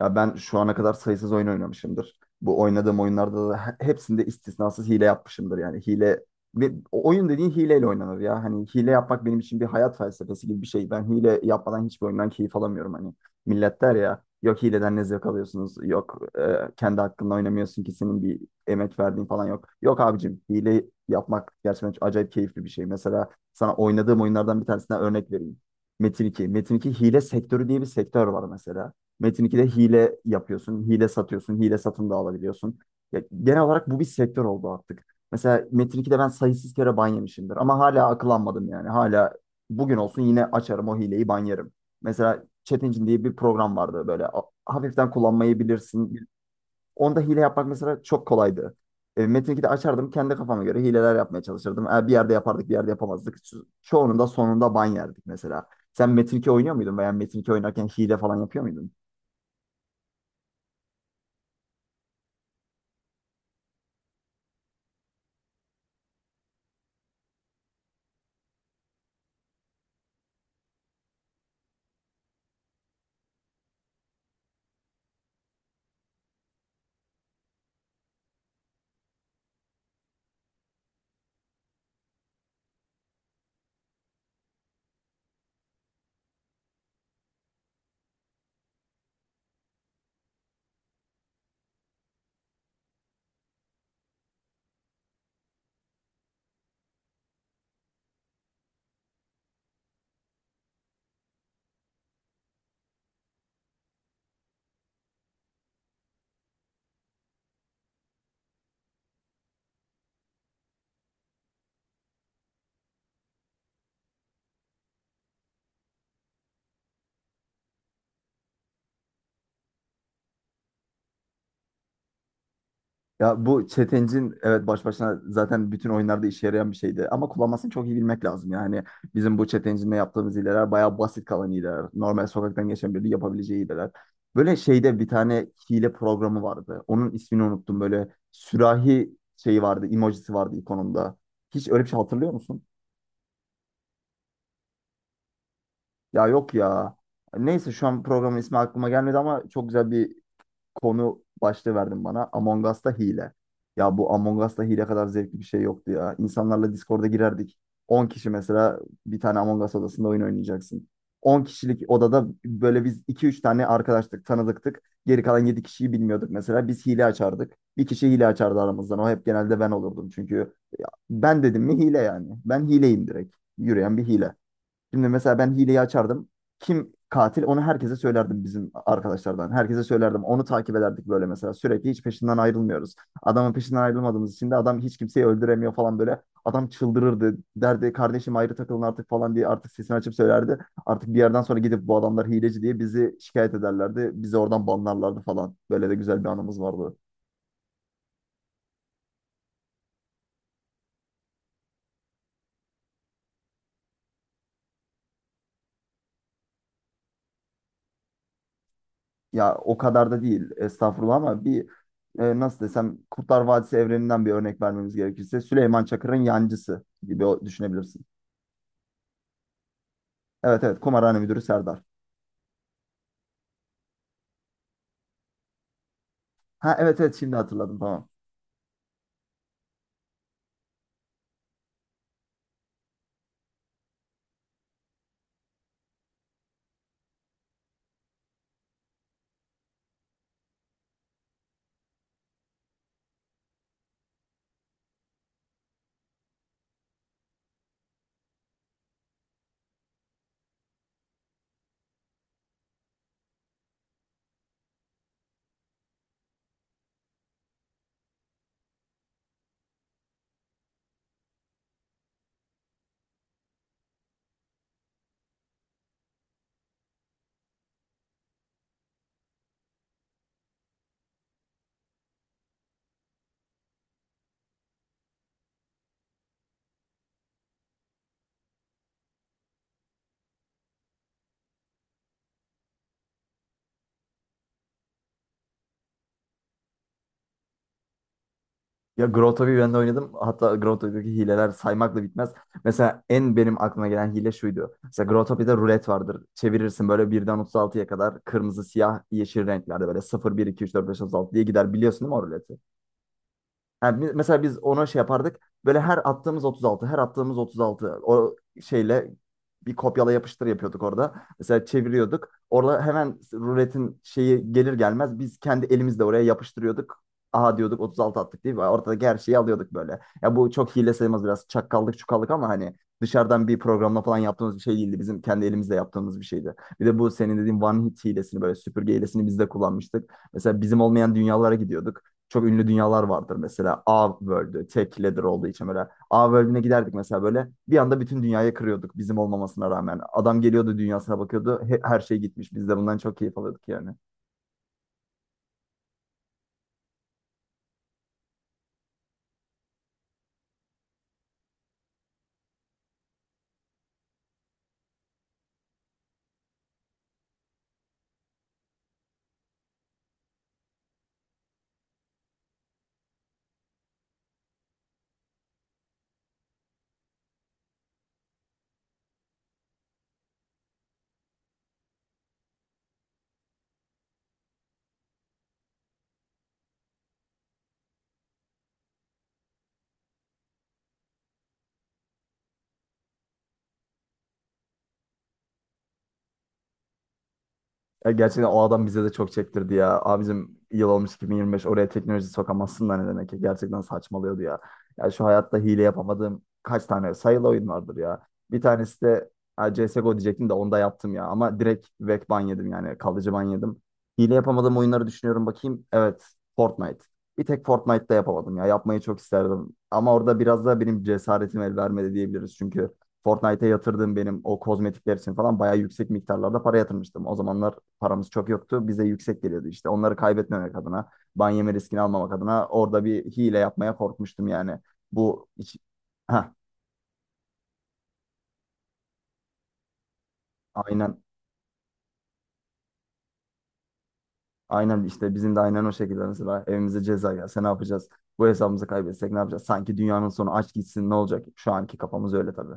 Ya ben şu ana kadar sayısız oyun oynamışımdır. Bu oynadığım oyunlarda da hepsinde istisnasız hile yapmışımdır yani. Hile ve o oyun dediğin hileyle oynanır ya. Hani hile yapmak benim için bir hayat felsefesi gibi bir şey. Ben hile yapmadan hiçbir oyundan keyif alamıyorum hani. Millet der ya, yok hileden ne zevk alıyorsunuz? Yok kendi hakkında oynamıyorsun ki, senin bir emek verdiğin falan yok. Yok abicim, hile yapmak gerçekten çok acayip keyifli bir şey. Mesela sana oynadığım oyunlardan bir tanesinden örnek vereyim. Metin 2. Metin 2 hile sektörü diye bir sektör var mesela. Metin 2'de hile yapıyorsun, hile satıyorsun, hile satın da alabiliyorsun. Ya, genel olarak bu bir sektör oldu artık. Mesela Metin 2'de ben sayısız kere ban yemişimdir ama hala akıllanmadım yani. Hala bugün olsun yine açarım o hileyi, ban yerim. Mesela Chat Engine diye bir program vardı, böyle hafiften kullanmayı bilirsin. Onda hile yapmak mesela çok kolaydı. Metin 2'de açardım, kendi kafama göre hileler yapmaya çalışırdım. Bir yerde yapardık, bir yerde yapamazdık. Çoğunun da sonunda ban yerdik mesela. Sen Metin 2 oynuyor muydun veya Metin 2 oynarken hile falan yapıyor muydun? Ya bu çetencin evet baş başına zaten bütün oyunlarda işe yarayan bir şeydi. Ama kullanmasını çok iyi bilmek lazım. Yani bizim bu çetencinle yaptığımız hileler bayağı basit kalan hileler. Normal sokaktan geçen biri yapabileceği hileler. Böyle şeyde bir tane hile programı vardı. Onun ismini unuttum. Böyle sürahi şeyi vardı, emojisi vardı ikonunda. Hiç öyle bir şey hatırlıyor musun? Ya yok ya. Neyse, şu an programın ismi aklıma gelmedi ama çok güzel bir konu başlığı verdin bana. Among Us'ta hile. Ya bu Among Us'ta hile kadar zevkli bir şey yoktu ya. İnsanlarla Discord'a girerdik. 10 kişi mesela bir tane Among Us odasında oyun oynayacaksın. 10 kişilik odada böyle biz iki üç tane arkadaştık, tanıdıktık. Geri kalan 7 kişiyi bilmiyorduk mesela. Biz hile açardık. Bir kişi hile açardı aramızdan. O hep genelde ben olurdum çünkü. Ben dedim mi hile yani. Ben hileyim direkt. Yürüyen bir hile. Şimdi mesela ben hileyi açardım. Kim katil onu herkese söylerdim bizim arkadaşlardan. Herkese söylerdim. Onu takip ederdik böyle mesela. Sürekli hiç peşinden ayrılmıyoruz. Adamın peşinden ayrılmadığımız için de adam hiç kimseyi öldüremiyor falan böyle. Adam çıldırırdı. Derdi kardeşim ayrı takılın artık falan diye, artık sesini açıp söylerdi. Artık bir yerden sonra gidip bu adamlar hileci diye bizi şikayet ederlerdi. Bizi oradan banlarlardı falan. Böyle de güzel bir anımız vardı. Ya o kadar da değil, estağfurullah, ama bir, nasıl desem, Kurtlar Vadisi evreninden bir örnek vermemiz gerekirse, Süleyman Çakır'ın yancısı gibi düşünebilirsin. Evet evet, kumarhane müdürü Serdar. Ha evet evet, şimdi hatırladım, tamam. Ya Grotto'yu ben de oynadım. Hatta Grotto'daki hileler saymakla bitmez. Mesela en benim aklıma gelen hile şuydu. Mesela Grotto'da rulet vardır. Çevirirsin böyle birden 36'ya kadar, kırmızı, siyah, yeşil renklerde, böyle 0, 1, 2, 3, 4, 5, 36 diye gider, biliyorsun değil mi o ruleti? Yani mesela biz ona şey yapardık. Böyle her attığımız 36, her attığımız 36 o şeyle bir kopyala yapıştır yapıyorduk orada. Mesela çeviriyorduk. Orada hemen ruletin şeyi gelir gelmez biz kendi elimizle oraya yapıştırıyorduk. Aha diyorduk, 36 attık değil mi? Ortadaki her şeyi alıyorduk böyle. Ya bu çok hile sayılmaz, biraz çakkallık çukallık, ama hani dışarıdan bir programla falan yaptığımız bir şey değildi. Bizim kendi elimizle yaptığımız bir şeydi. Bir de bu senin dediğin one hit hilesini, böyle süpürge hilesini biz de kullanmıştık. Mesela bizim olmayan dünyalara gidiyorduk. Çok ünlü dünyalar vardır mesela. A World'ü tek leader olduğu için böyle. A World'üne giderdik mesela, böyle. Bir anda bütün dünyayı kırıyorduk bizim olmamasına rağmen. Adam geliyordu, dünyasına bakıyordu. Her şey gitmiş. Biz de bundan çok keyif alıyorduk yani. Ya gerçekten o adam bize de çok çektirdi ya. Abicim yıl olmuş 2025, oraya teknoloji sokamazsın da ne demek ya. Gerçekten saçmalıyordu ya. Ya şu hayatta hile yapamadığım kaç tane sayılı oyun vardır ya. Bir tanesi de ha, CSGO diyecektim de onda yaptım ya. Ama direkt vek ban yedim, yani kalıcı ban yedim. Hile yapamadığım oyunları düşünüyorum bakayım. Evet, Fortnite. Bir tek Fortnite'da yapamadım ya. Yapmayı çok isterdim. Ama orada biraz da benim cesaretim el vermedi diyebiliriz. Çünkü Fortnite'e yatırdığım, benim o kozmetikler için falan bayağı yüksek miktarlarda para yatırmıştım. O zamanlar paramız çok yoktu. Bize yüksek geliyordu işte. Onları kaybetmemek adına, ban yeme riskini almamak adına orada bir hile yapmaya korkmuştum yani. Bu hiç- ha, aynen, aynen, işte bizim de aynen o şekilde, mesela evimize ceza gelse ne yapacağız? Bu hesabımızı kaybetsek ne yapacağız? Sanki dünyanın sonu, aç gitsin ne olacak? Şu anki kafamız öyle tabii.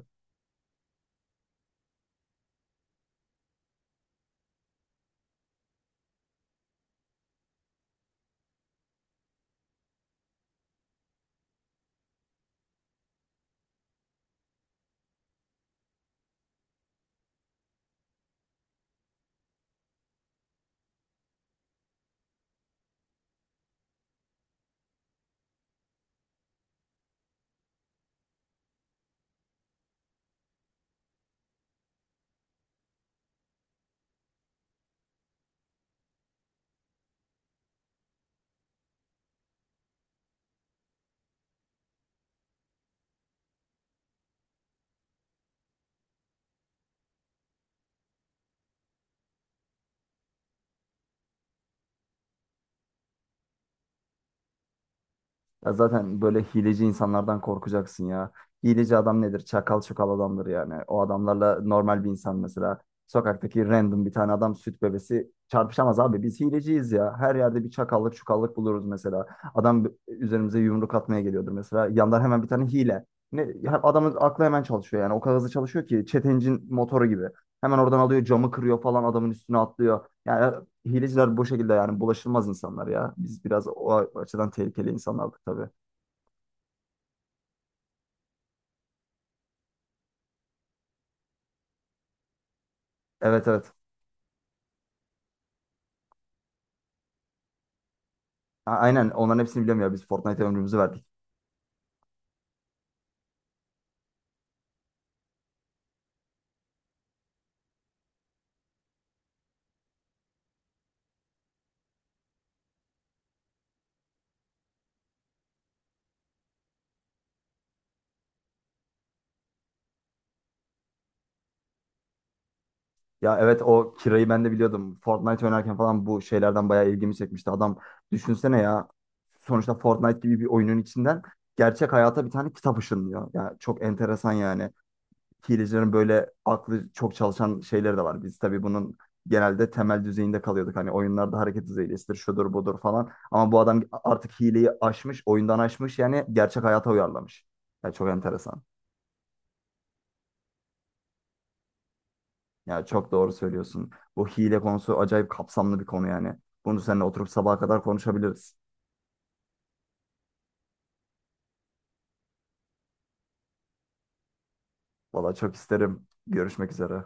Ya zaten böyle hileci insanlardan korkacaksın ya. Hileci adam nedir? Çakal çakal adamdır yani. O adamlarla normal bir insan mesela. Sokaktaki random bir tane adam, süt bebesi çarpışamaz abi. Biz hileciyiz ya. Her yerde bir çakallık çukallık buluruz mesela. Üzerimize yumruk atmaya geliyordur mesela. Yandan hemen bir tane hile. Ne, ya adamın aklı hemen çalışıyor yani. O kadar hızlı çalışıyor ki çetencin motoru gibi. Hemen oradan alıyor, camı kırıyor falan, adamın üstüne atlıyor. Yani hileciler bu şekilde yani, bulaşılmaz insanlar ya. Biz biraz o açıdan tehlikeli insanlardık tabii. Evet evet. Aynen, onların hepsini biliyorum ya, biz Fortnite'e ömrümüzü verdik. Ya evet, o Kira'yı ben de biliyordum. Fortnite oynarken falan bu şeylerden bayağı ilgimi çekmişti. Adam, düşünsene ya, sonuçta Fortnite gibi bir oyunun içinden gerçek hayata bir tane kitap ışınlıyor. Ya çok enteresan yani. Hilecilerin böyle aklı çok çalışan şeyleri de var. Biz tabii bunun genelde temel düzeyinde kalıyorduk. Hani oyunlarda hareket düzeylesidir, şudur budur falan. Ama bu adam artık hileyi aşmış, oyundan aşmış yani, gerçek hayata uyarlamış. Yani çok enteresan. Yani çok doğru söylüyorsun. Bu hile konusu acayip kapsamlı bir konu yani. Bunu seninle oturup sabaha kadar konuşabiliriz. Valla çok isterim. Görüşmek üzere.